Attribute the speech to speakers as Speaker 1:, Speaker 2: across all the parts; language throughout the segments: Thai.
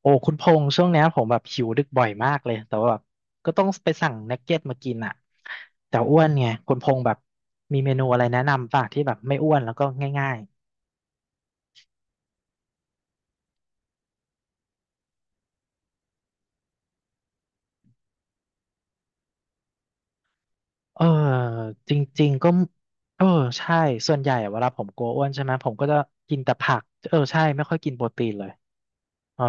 Speaker 1: โอ้คุณพงษ์ช่วงเนี้ยผมแบบหิวดึกบ่อยมากเลยแต่ว่าแบบก็ต้องไปสั่งนักเก็ตมากินอ่ะแต่อ้วนไงคุณพงษ์แบบมีเมนูอะไรแนะนำป่ะที่แบบไม่อ้วนแล้วก็ง่าย เออจริงๆก็เออใช่ส่วนใหญ่อะเวลาผมกลัวอ้วนใช่ไหมผมก็จะกินแต่ผักเออใช่ไม่ค่อยกินโปรตีนเลยเออ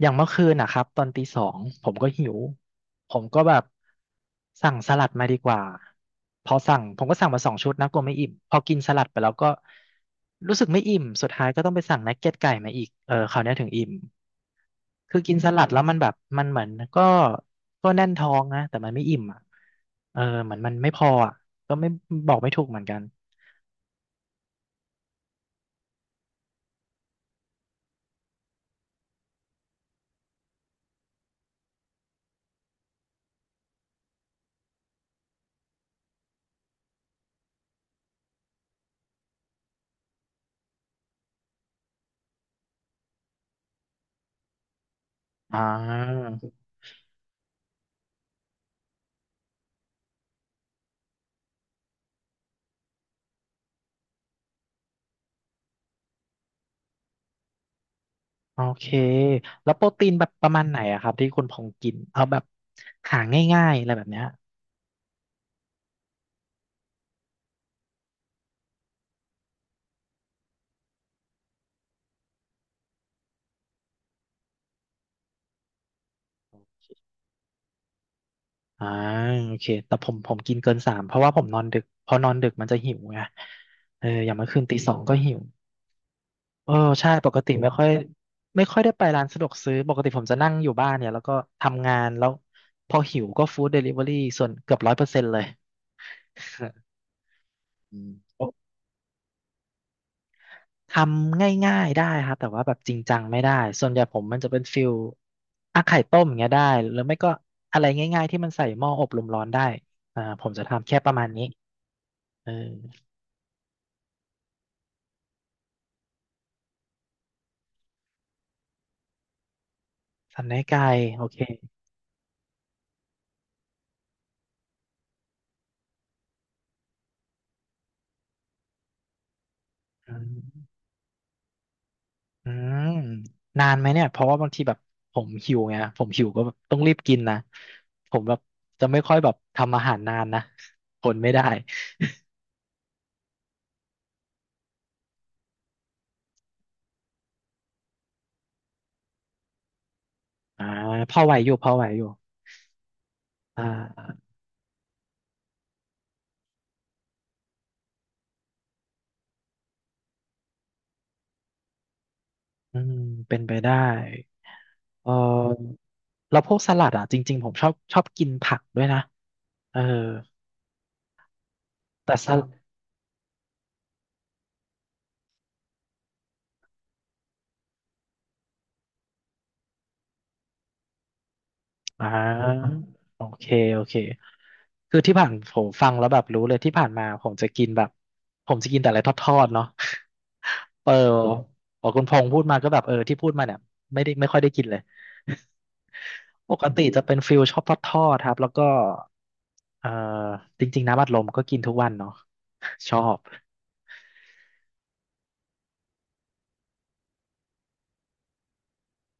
Speaker 1: อย่างเมื่อคืนนะครับตอนตีสองผมก็หิวผมก็แบบสั่งสลัดมาดีกว่าพอสั่งผมก็สั่งมา2 ชุดนะกลัวไม่อิ่มพอกินสลัดไปแล้วก็รู้สึกไม่อิ่มสุดท้ายก็ต้องไปสั่งนักเก็ตไก่มาอีกเออคราวเนี้ยถึงอิ่ม คือกินสลัดแล้วมันแบบมันเหมือนก็ก็แน่นท้องนะแต่มันไม่อิ่มอ่ะเออเหมือนมันไม่พออ่ะก็ไม่บอกไม่ถูกเหมือนกันอ่าโอเคแล้วโปรตีนแบบประมาณไหนอะครับที่คุณพงษ์กินเอาแบบหาง่ายๆอะไรแบบเนี้ยอ่าโอเคแต่ผมกินเกินสามเพราะว่าผมนอนดึกพอนอนดึกมันจะหิวไงเอออย่างเมื่อคืนตีสองก็หิว เออใช่ปกติไม่ค่อยได้ไปร้านสะดวกซื้อปกติผมจะนั่งอยู่บ้านเนี่ยแล้วก็ทำงานแล้วพอหิวก็ฟู้ดเดลิเวอรี่ส่วนเกือบ100%เลย อืมทำง่ายๆได้ครับแต่ว่าแบบจริงจังไม่ได้ส่วนใหญ่ผมมันจะเป็นฟิลอ่ะไข่ต้มอย่างเงี้ยได้หรือไม่ก็อะไรง่ายๆที่มันใส่หม้ออบลมร้อนได้อ่าผมจะทำแค่ประมาณนี้เออสันในไก่โอเคอืม อืมนานไหมเนี่ยเพราะว่าบางทีแบบผมหิวไงผมหิวก็แบบต้องรีบกินนะผมแบบจะไม่ค่อยแบบทำอาหารนานนะทนไม่ได้อ่าพอไหวอยู่พอไหวอยู่อ่าอืมเป็นไปได้เออแล้วพวกสลัดอ่ะจริงๆผมชอบกินผักด้วยนะเออแต่สลัด อ่าโอเคโอเคคือที่ผ่านผมฟังแล้วแบบรู้เลยที่ผ่านมาผมจะกินแบบผมจะกินแต่อะไรทอดๆเนาะ เออพอคุณพงษ์พูดมาก็แบบเออที่พูดมาเนี่ยไม่ได้ไม่ค่อยได้กินเลยปกติจะเป็นฟิลชอบทอดๆครับแล้วก็เออจริงๆน้ำอัดลมก็กินทุกวันเนาะชอบ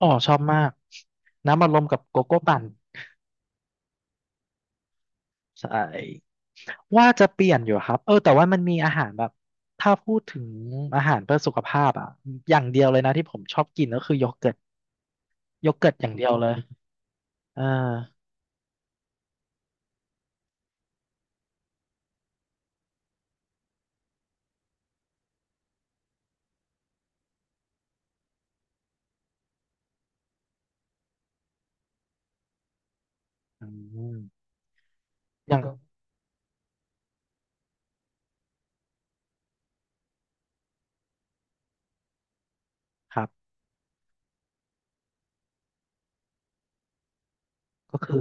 Speaker 1: อ๋อชอบมากน้ำอัดลมกับโกโก้ปั่น ใช่ว่าจะเปลี่ยนอยู่ครับเออแต่ว่ามันมีอาหารแบบถ้าพูดถึงอาหารเพื่อสุขภาพอ่ะอย่างเดียวเลยนะที่ผมชอบกินก็คือโยเกิร์ตโยเกิร์ตอย่างเดียวเลยอ่าอืมอย่างครับก็คือ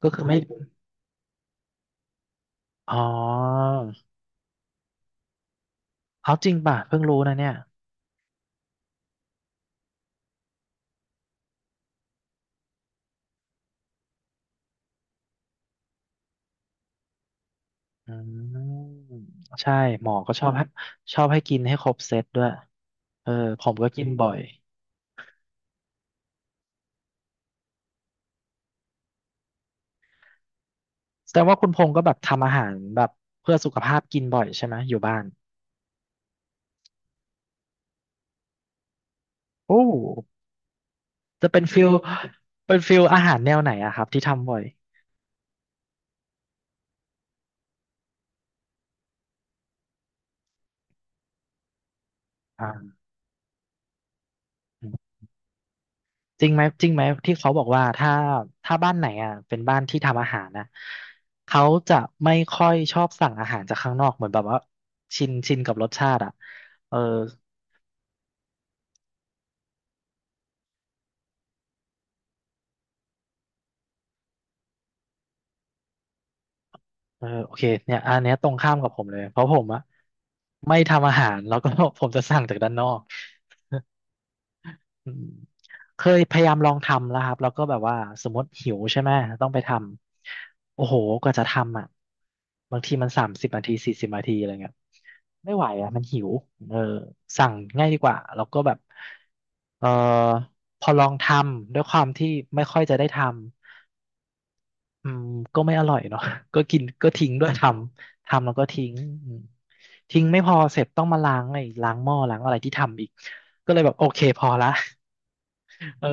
Speaker 1: ก็คือไม่อ๋อเอาจริงป่ะเพิ่งรู้นะเนี่ยอืมใช่หมอก็ชอบให้กินให้ครบเซตด้วยเออผมก็กินบ่อยแสดงว่าคุณพงษ์ก็แบบทำอาหารแบบเพื่อสุขภาพกินบ่อยใช่ไหมอยู่บ้าน โอ้จะเป็นฟิลอาหารแนวไหนอะครับที่ทำบ่อยอ่าจริงไหมที่เขาบอกว่าถ้าถ้าบ้านไหนอ่ะเป็นบ้านที่ทำอาหารนะเขาจะไม่ค่อยชอบสั่งอาหารจากข้างนอกเหมือนแบบว่าชินกับรสชาติอ่ะเออเออโอเคเนี่ยอันเนี้ยตรงข้ามกับผมเลยเพราะผมอ่ะไม่ทำอาหารแล้วก็ ผมจะสั่งจากด้านนอก อืมเคยพยายามลองทำแล้วครับแล้วก็แบบว่าสมมติหิวใช่ไหมต้องไปทำโอ้โหกว่าจะทำอ่ะบางทีมัน30 นาที 40 นาทีอะไรเงี้ยไม่ไหวอ่ะมันหิวเออสั่งง่ายดีกว่าแล้วก็แบบเออพอลองทำด้วยความที่ไม่ค่อยจะได้ทำอืมก็ไม่อร่อยเนาะ ก็กินก็ทิ้งด้วยทำแล้วก็ทิ้งอืมทิ้งไม่พอเสร็จต้องมาล้างไอ้ล้างหม้อล้างอะไรที่ทำอีกก็เลยแบบโอเคพอละ เออ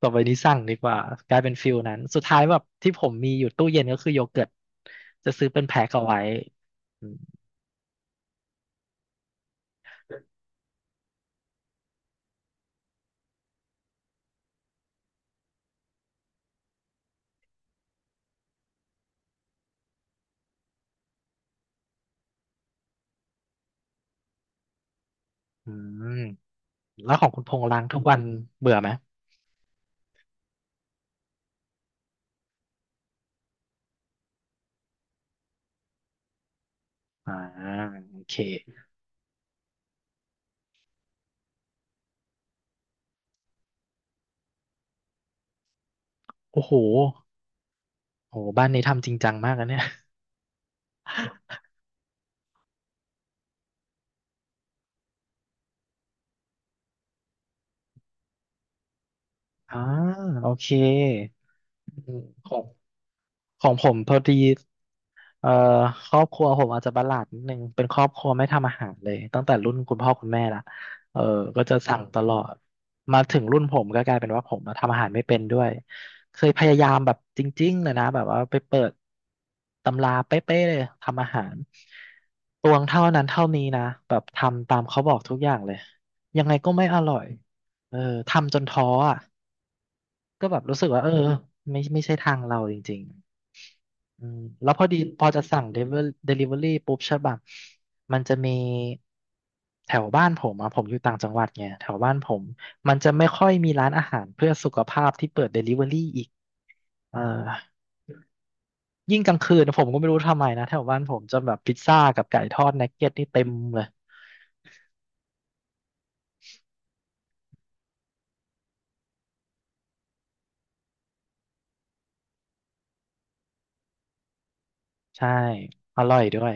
Speaker 1: ต่อไปนี้สั่งดีกว่ากลายเป็นฟิลนั้นสุดท้ายแบบที่ผมมีอยู่ตู้เย็นก็คือโยเกิร์ตจะซื้อเป็นแพ็คเอาไว้อืมอืมแล้วของคุณพงษ์ล้างทุกวันเบื่อไหมอ่าโอเคโอ้โหโหบ้านนี้ทำจริงจังมากนะเนี่ยอ่าโอเคอืมของของผมพอดี เอ่อครอบครัวผมอาจจะประหลาดนิดนึงเป็นครอบครัวไม่ทำอาหารเลยตั้งแต่รุ่นคุณพ่อคุณแม่ละเออก็จะสั่งตลอดมาถึงรุ่นผมก็กลายเป็นว่าผมมาทำอาหารไม่เป็นด้วยเคยพยายามแบบจริงๆเลยนะแบบว่าไปเปิดตำราเป๊ะๆเลยทำอาหารตวงเท่านั้นเท่านี้นะแบบทำตามเขาบอกทุกอย่างเลยยังไงก็ไม่อร่อยเออทำจนท้ออ่ะก็แบบรู้สึกว่าเออไม่ใช่ทางเราจริง อืมแล้วพอดีพอจะสั่งเดลิเวอรี่ปุ๊บใช่ป่ะมันจะมีแถวบ้านผมอะผมอยู่ต่างจังหวัดไงแถวบ้านผมมันจะไม่ค่อยมีร้านอาหารเพื่อสุขภาพที่เปิดเดลิเวอรี่อีกเออยิ่งกลางคืนผมก็ไม่รู้ทำไมนะแถวบ้านผมจะแบบพิซซ่ากับไก่ทอดนักเก็ตนี่เต็มเลยใช่อร่อยด้วย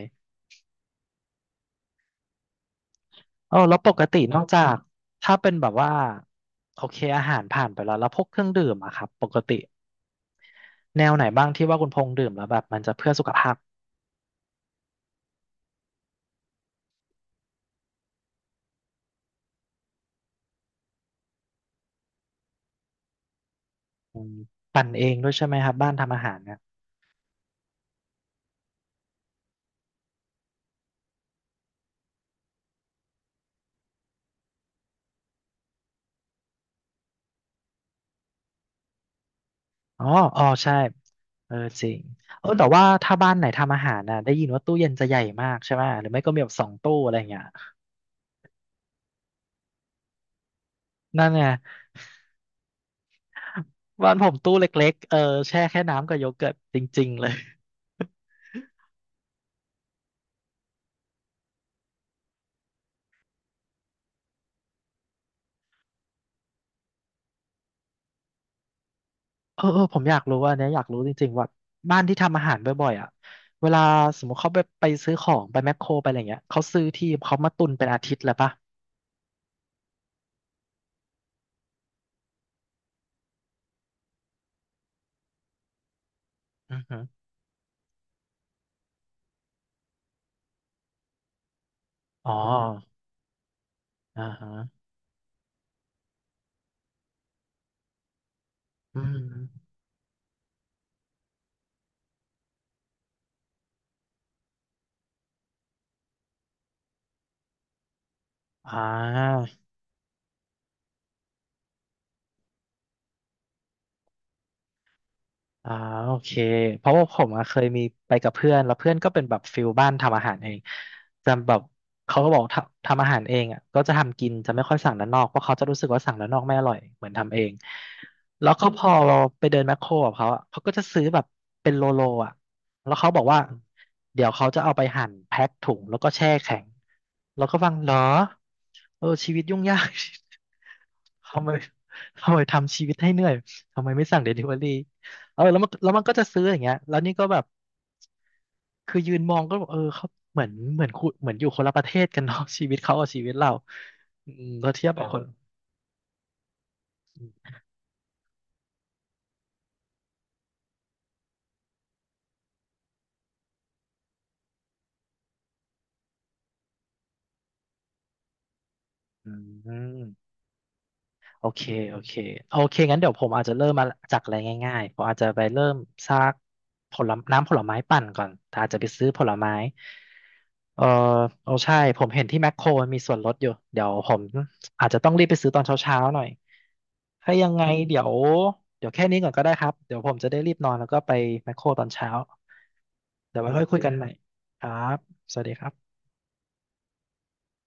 Speaker 1: เออแล้วปกตินอกจากถ้าเป็นแบบว่าโอเคอาหารผ่านไปแล้วแล้วพวกเครื่องดื่มอะครับปกติแนวไหนบ้างที่ว่าคุณพงษ์ดื่มแล้วแบบมันจะเพื่อสุขภาพ อืมปั่นเองด้วยใช่ไหมครับบ้านทำอาหารเนี่ยอ๋ออ๋อใช่เออจริงเออแต่ว่าถ้าบ้านไหนทำอาหารน่ะได้ยินว่าตู้เย็นจะใหญ่มากใช่ไหมหรือไม่ก็มีแบบสองตู้อะไรอย่างเงี้ยนั่นไงบ้านผมตู้เล็กๆเออแช่แค่น้ำกับโยเกิร์ตจริงๆเลย เออเออผมอยากรู้ว่าอันเนี้ยอยากรู้จริงๆว่าบ้านที่ทำอาหารบ่อยๆอ่ะเวลาสมมติเขาไปซื้อของไปแมคโครไปอะไรเงี้ยเขาซื้อที่เขามาตุนเป็นอาทิตย์เลยปะอือฮึอ๋ออ่าฮะอืมอ่า อ่าโอเคเพราะว่าผมอะเคยมีไปกับเพื่อนแล้วเพื่อนก็เป็นแบบฟิลบ้านทำอาหารเองจำแบบเขาก็บอกทำอาหารเองอ่ะก็จะทำกินจะไม่ค่อยสั่งด้านนอกเพราะเขาจะรู้สึกว่าสั่งด้านนอกไม่อร่อยเหมือนทำเองแล้วก็พอเราไปเดินแมคโครกับเขาอะเขาก็จะซื้อแบบเป็นโลโลอ่ะแล้วเขาบอกว่าเดี๋ยวเขาจะเอาไปหั่นแพ็คถุงแล้วก็แช่แข็งแล้วก็ฟังเหรอเออชีวิตยุ่งยาก ทำไมทำชีวิตให้เหนื่อยทำไมไม่สั่งเดลิเวอรี่ เออแล้วมันก็จะซื้ออย่างเงี้ยแล้วนี่ก็แบบคือยืนมองก็บอกเออเขาเหมือนอยู่คนละประเทศกันเนาะ ชีวิตเขากับชีวิตเราอืมเราเทียบกับคนอืม โอเค โอเคโอเคงั้นเดี๋ยวผมอาจจะเริ่มมาจากอะไรง่ายๆผมอาจจะไปเริ่มซากผลไม้น้ำผลไม้ปั่นก่อนแต่อาจจะไปซื้อผลไม้เออโอ้ใช่ผมเห็นที่แมคโครมันมีส่วนลดอยู่เดี๋ยวผมอาจจะต้องรีบไปซื้อตอนเช้าๆหน่อยถ้ายังไงเดี๋ยวแค่นี้ก่อนก็ได้ครับเดี๋ยวผมจะได้รีบนอนแล้วก็ไปแมคโครตอนเช้าเดี๋ยวไว้ค่อยเคุยกันใหม่ครับสวัสดีครับ